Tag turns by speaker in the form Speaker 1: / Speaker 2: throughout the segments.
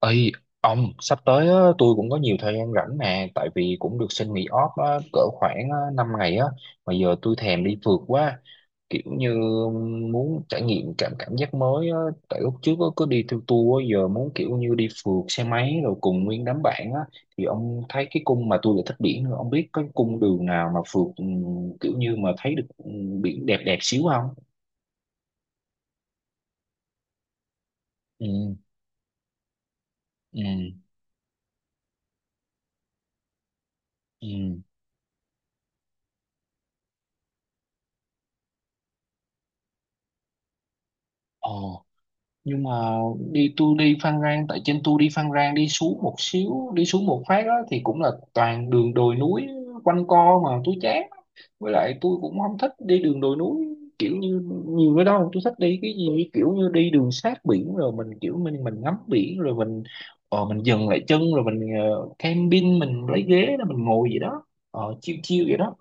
Speaker 1: Ê, ông sắp tới á, tôi cũng có nhiều thời gian rảnh nè tại vì cũng được xin nghỉ off á, cỡ khoảng á, 5 ngày á. Mà giờ tôi thèm đi phượt quá, kiểu như muốn trải nghiệm cảm cảm giác mới á. Tại lúc trước á, cứ đi theo tour á, giờ muốn kiểu như đi phượt xe máy rồi cùng nguyên đám bạn á. Thì ông thấy cái cung mà tôi lại thích biển nữa, ông biết cái cung đường nào mà phượt, ừ, kiểu như mà thấy được, ừ, biển đẹp đẹp xíu không? Ừ. Ừ. Ừ. Ồ, nhưng mà đi, tôi đi Phan Rang đi xuống một xíu, đi xuống một phát á, thì cũng là toàn đường đồi núi quanh co mà tôi chán. Với lại tôi cũng không thích đi đường đồi núi kiểu như nhiều cái đó. Tôi thích đi cái gì kiểu như đi đường sát biển rồi mình kiểu mình ngắm biển rồi mình, ờ, mình dừng lại chân rồi mình, ờ, camping, mình lấy ghế rồi mình ngồi gì đó, ờ, chiêu chiêu vậy đó.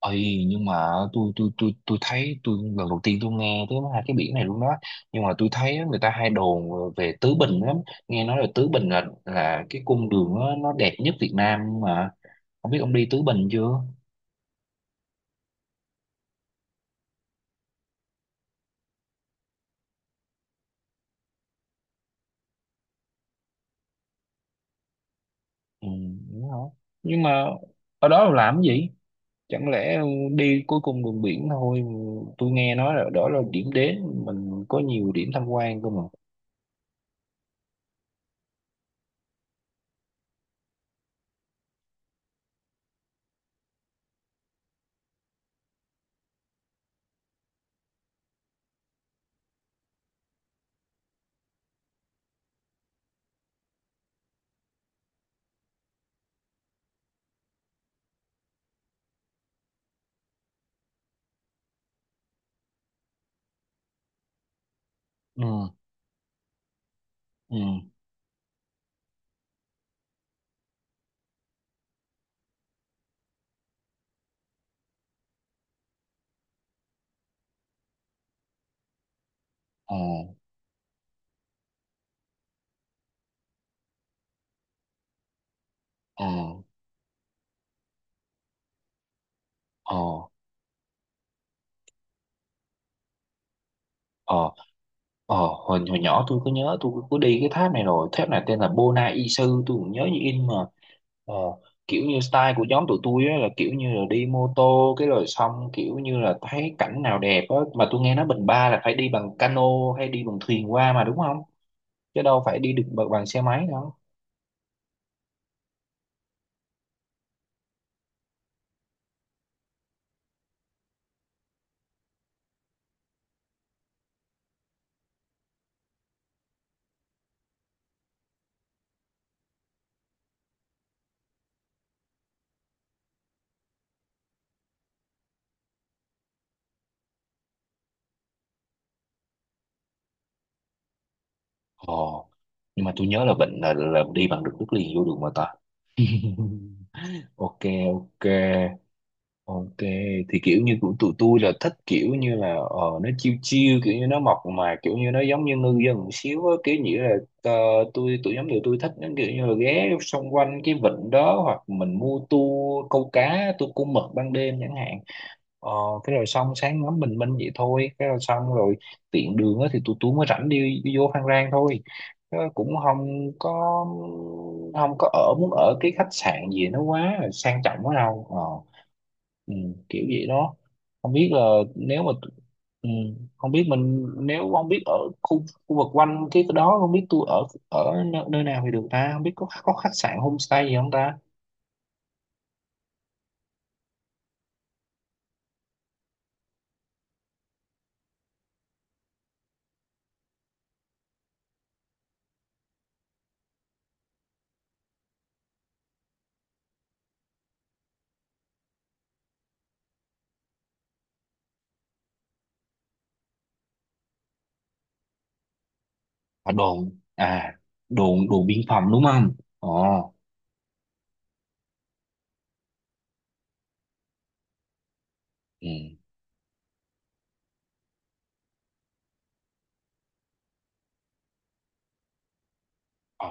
Speaker 1: Ây, nhưng mà tôi thấy tôi lần đầu tiên tôi nghe tới hai cái biển này luôn đó. Nhưng mà tôi thấy á, người ta hay đồn về Tứ Bình lắm. Nghe nói là Tứ Bình là cái cung đường nó đẹp nhất Việt Nam, nhưng mà không biết ông đi Tứ Bình chưa. Ừ, đúng không? Nhưng mà ở đó làm cái gì? Chẳng lẽ đi cuối cùng đường biển thôi? Tôi nghe nói là đó là điểm đến mình có nhiều điểm tham quan cơ mà. Ừ. Ừ. Ờ. Ờ. Ờ. Ờ. Ờ, hồi nhỏ tôi có nhớ tôi có đi cái tháp này rồi, tháp này tên là Bona Y Sư, tôi cũng nhớ như in mà. Ờ, kiểu như style của nhóm tụi tôi á, là kiểu như là đi mô tô cái rồi xong kiểu như là thấy cảnh nào đẹp á. Mà tôi nghe nói Bình Ba là phải đi bằng cano hay đi bằng thuyền qua mà, đúng không? Chứ đâu phải đi được bằng, bằng xe máy đâu. Ờ, nhưng mà tôi nhớ là Bình là đi bằng được đất liền vô được mà ta. Ok. Ok. Ok, thì kiểu như của tụi tôi là thích kiểu như là, ờ, nó chill chill kiểu như nó mộc mà kiểu như nó giống như ngư dân một xíu á, kiểu như là, ờ, tụi nhóm tụi tôi thích nó kiểu như là ghé xung quanh cái vịnh đó, hoặc mình mua tour câu cá, tour câu mực ban đêm chẳng hạn. Ờ, cái rồi xong sáng ngắm bình minh vậy thôi, cái rồi xong rồi tiện đường á thì tụi tôi mới rảnh đi, đi vô Phan Rang thôi. Ờ, cũng không có không có ở muốn ở cái khách sạn gì nó quá sang trọng quá đâu. Ờ. Ừ, kiểu vậy đó. Không biết là nếu mà, ừ, không biết mình nếu không biết ở khu khu vực quanh cái đó, không biết tôi ở ở nơi, nơi nào thì được ta, không biết có khách sạn homestay gì không ta. À, đồn à? Đồn, đồn biên phòng, đúng không? Ồ. Ừ. Ờ,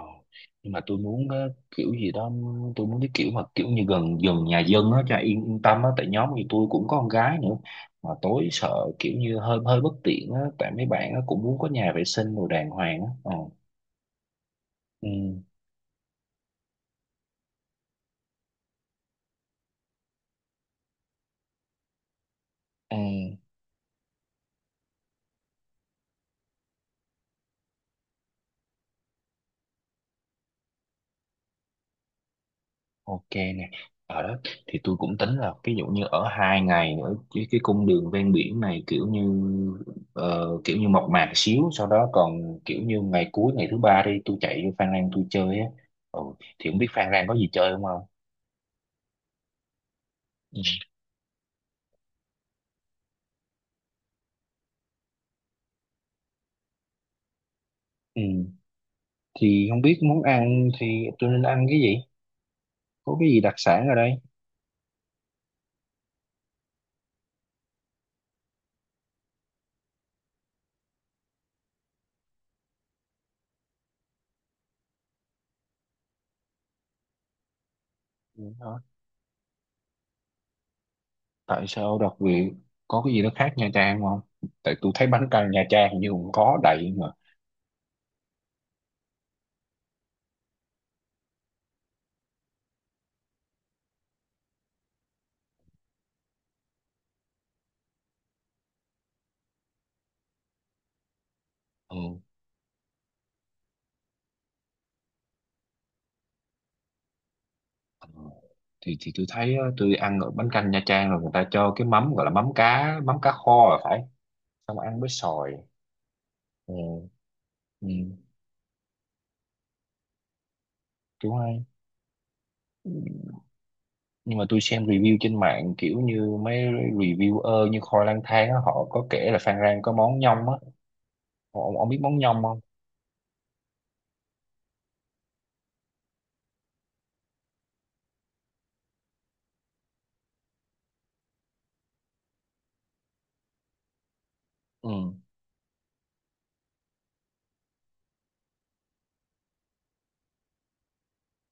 Speaker 1: nhưng mà tôi muốn, ờ, kiểu gì đó tôi muốn cái kiểu mà kiểu như gần gần nhà dân á cho yên yên tâm á, tại nhóm thì tôi cũng có con gái nữa mà tối sợ kiểu như hơi hơi bất tiện á, tại mấy bạn á cũng muốn có nhà vệ sinh đồ đàng hoàng á. Ờ. Ừ. Ừ. Ok nè, ở đó thì tôi cũng tính là ví dụ như ở hai ngày ở cái cung đường ven biển này kiểu như, ờ, kiểu như mộc mạc xíu, sau đó còn kiểu như ngày cuối ngày thứ ba đi tôi chạy vô Phan Rang tôi chơi á. Ừ, thì không biết Phan Rang có gì chơi không không. Ừ. Ừ, thì không biết muốn ăn thì tôi nên ăn cái gì, có cái gì đặc sản ở đây. Ừ, hả? Tại sao đặc biệt, có cái gì nó khác Nha Trang không? Tại tôi thấy bánh căn Nha Trang hình như cũng có đầy mà. Ừ. Ờ, thì tôi thấy á, tôi ăn ở bánh canh Nha Trang rồi người ta cho cái mắm gọi là mắm cá, mắm cá kho là phải xong ăn với xồi. Ừ. Ừ, đúng hay. Ừ, nhưng mà tôi xem review trên mạng kiểu như mấy reviewer như Khoi Lang Thang á, họ có kể là Phan Rang có món nhông á. Ông biết món nhông không? Ừ.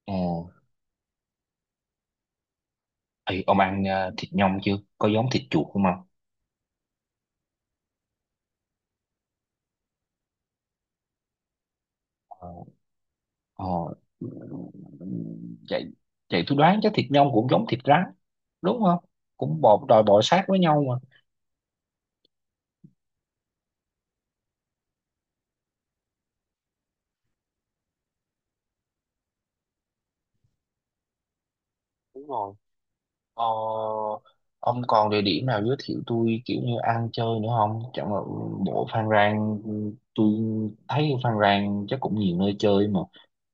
Speaker 1: Ờ. Ê, ông ăn à, thịt nhông chưa, có giống thịt chuột không không? Ờ. Ờ. Vậy vậy tôi đoán chắc thịt nhông cũng giống thịt rắn đúng không, cũng bò đòi bò sát với nhau. Đúng rồi. Ờ, ông còn địa điểm nào giới thiệu tôi kiểu như ăn chơi nữa không? Chẳng là bộ Phan Rang, tôi thấy Phan Rang chắc cũng nhiều nơi chơi mà,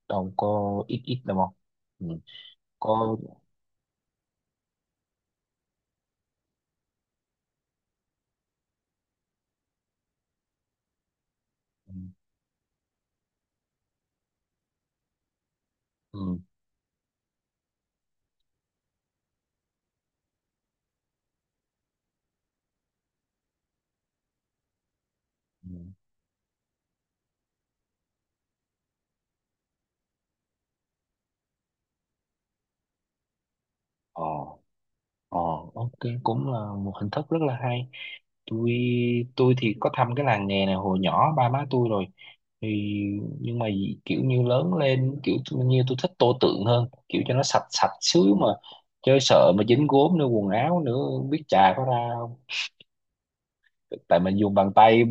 Speaker 1: đâu có ít ít đâu không? Ừ. Có. Ừ. Ừ. Ừ. Ờ. Ờ, ok, cũng là một hình thức rất là hay. tôi tôi thì có thăm cái làng nghề này hồi nhỏ ba má tôi rồi, thì nhưng mà kiểu như lớn lên kiểu như tôi thích tô tượng hơn kiểu cho nó sạch sạch xíu mà chơi, sợ mà dính gốm nữa quần áo nữa không biết chà có ra không. Tại mình dùng bàn tay.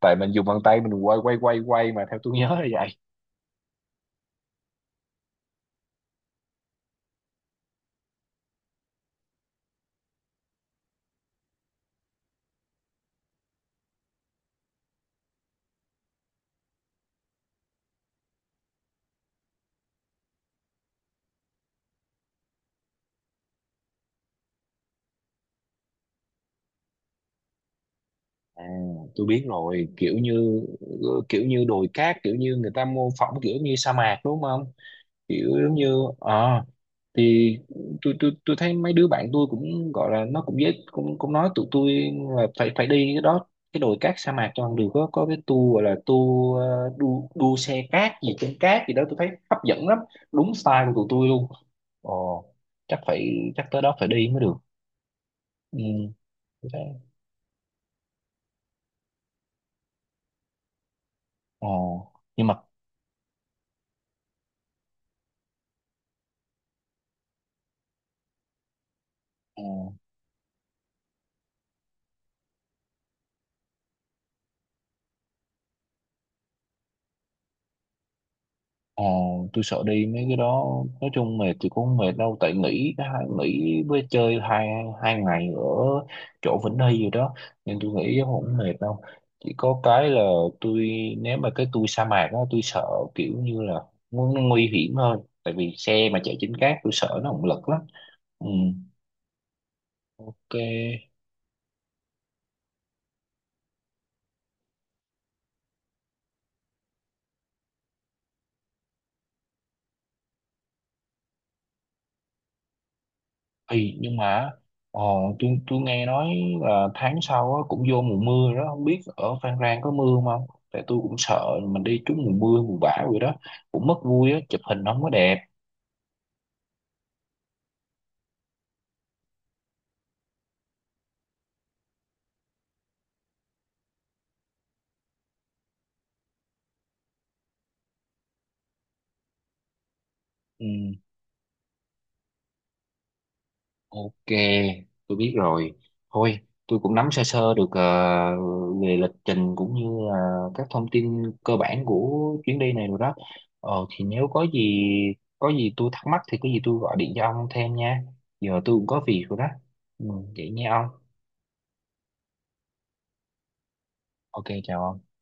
Speaker 1: Tại mình dùng bàn tay mình quay quay quay quay mà theo tôi nhớ là vậy. À, tôi biết rồi, kiểu như đồi cát kiểu như người ta mô phỏng kiểu như sa mạc đúng không, kiểu giống như, ờ, thì tôi thấy mấy đứa bạn tôi cũng gọi là nó cũng dễ cũng cũng nói tụi tôi là phải phải đi cái đó, cái đồi cát sa mạc cho bằng được. Có cái tour gọi là tour, ờ, đu đu xe cát gì trên cát gì đó, tôi thấy hấp dẫn lắm, đúng style của tụi tôi luôn. Ồ, chắc phải chắc tới đó phải đi mới được. Ừ. Tôi thấy ồ, nhưng mà, ờ, tôi sợ đi mấy cái đó. Nói chung mệt thì cũng không mệt đâu, tại nghỉ nghỉ với chơi hai hai ngày ở chỗ Vĩnh Hy rồi đó, nên tôi nghĩ cũng không mệt đâu. Chỉ có cái là tôi, nếu mà cái tôi sa mạc á tôi sợ kiểu như là nguy hiểm hơn, tại vì xe mà chạy trên cát tôi sợ nó không lực lắm. Ừ, ok. Thì nhưng mà, ờ, tôi nghe nói là tháng sau á, cũng vô mùa mưa rồi đó, không biết ở Phan Rang có mưa không. Tại tôi cũng sợ mình đi trúng mùa mưa mùa bão rồi đó, cũng mất vui á, chụp hình không có đẹp. Ừ, ok, tôi biết rồi. Thôi, tôi cũng nắm sơ sơ được, ờ, về lịch trình cũng như là các thông tin cơ bản của chuyến đi này rồi đó. Ờ, thì nếu có gì tôi thắc mắc thì có gì tôi gọi điện cho ông thêm nha. Giờ tôi cũng có việc rồi đó. Ừ, vậy nha ông. Ok, chào ông.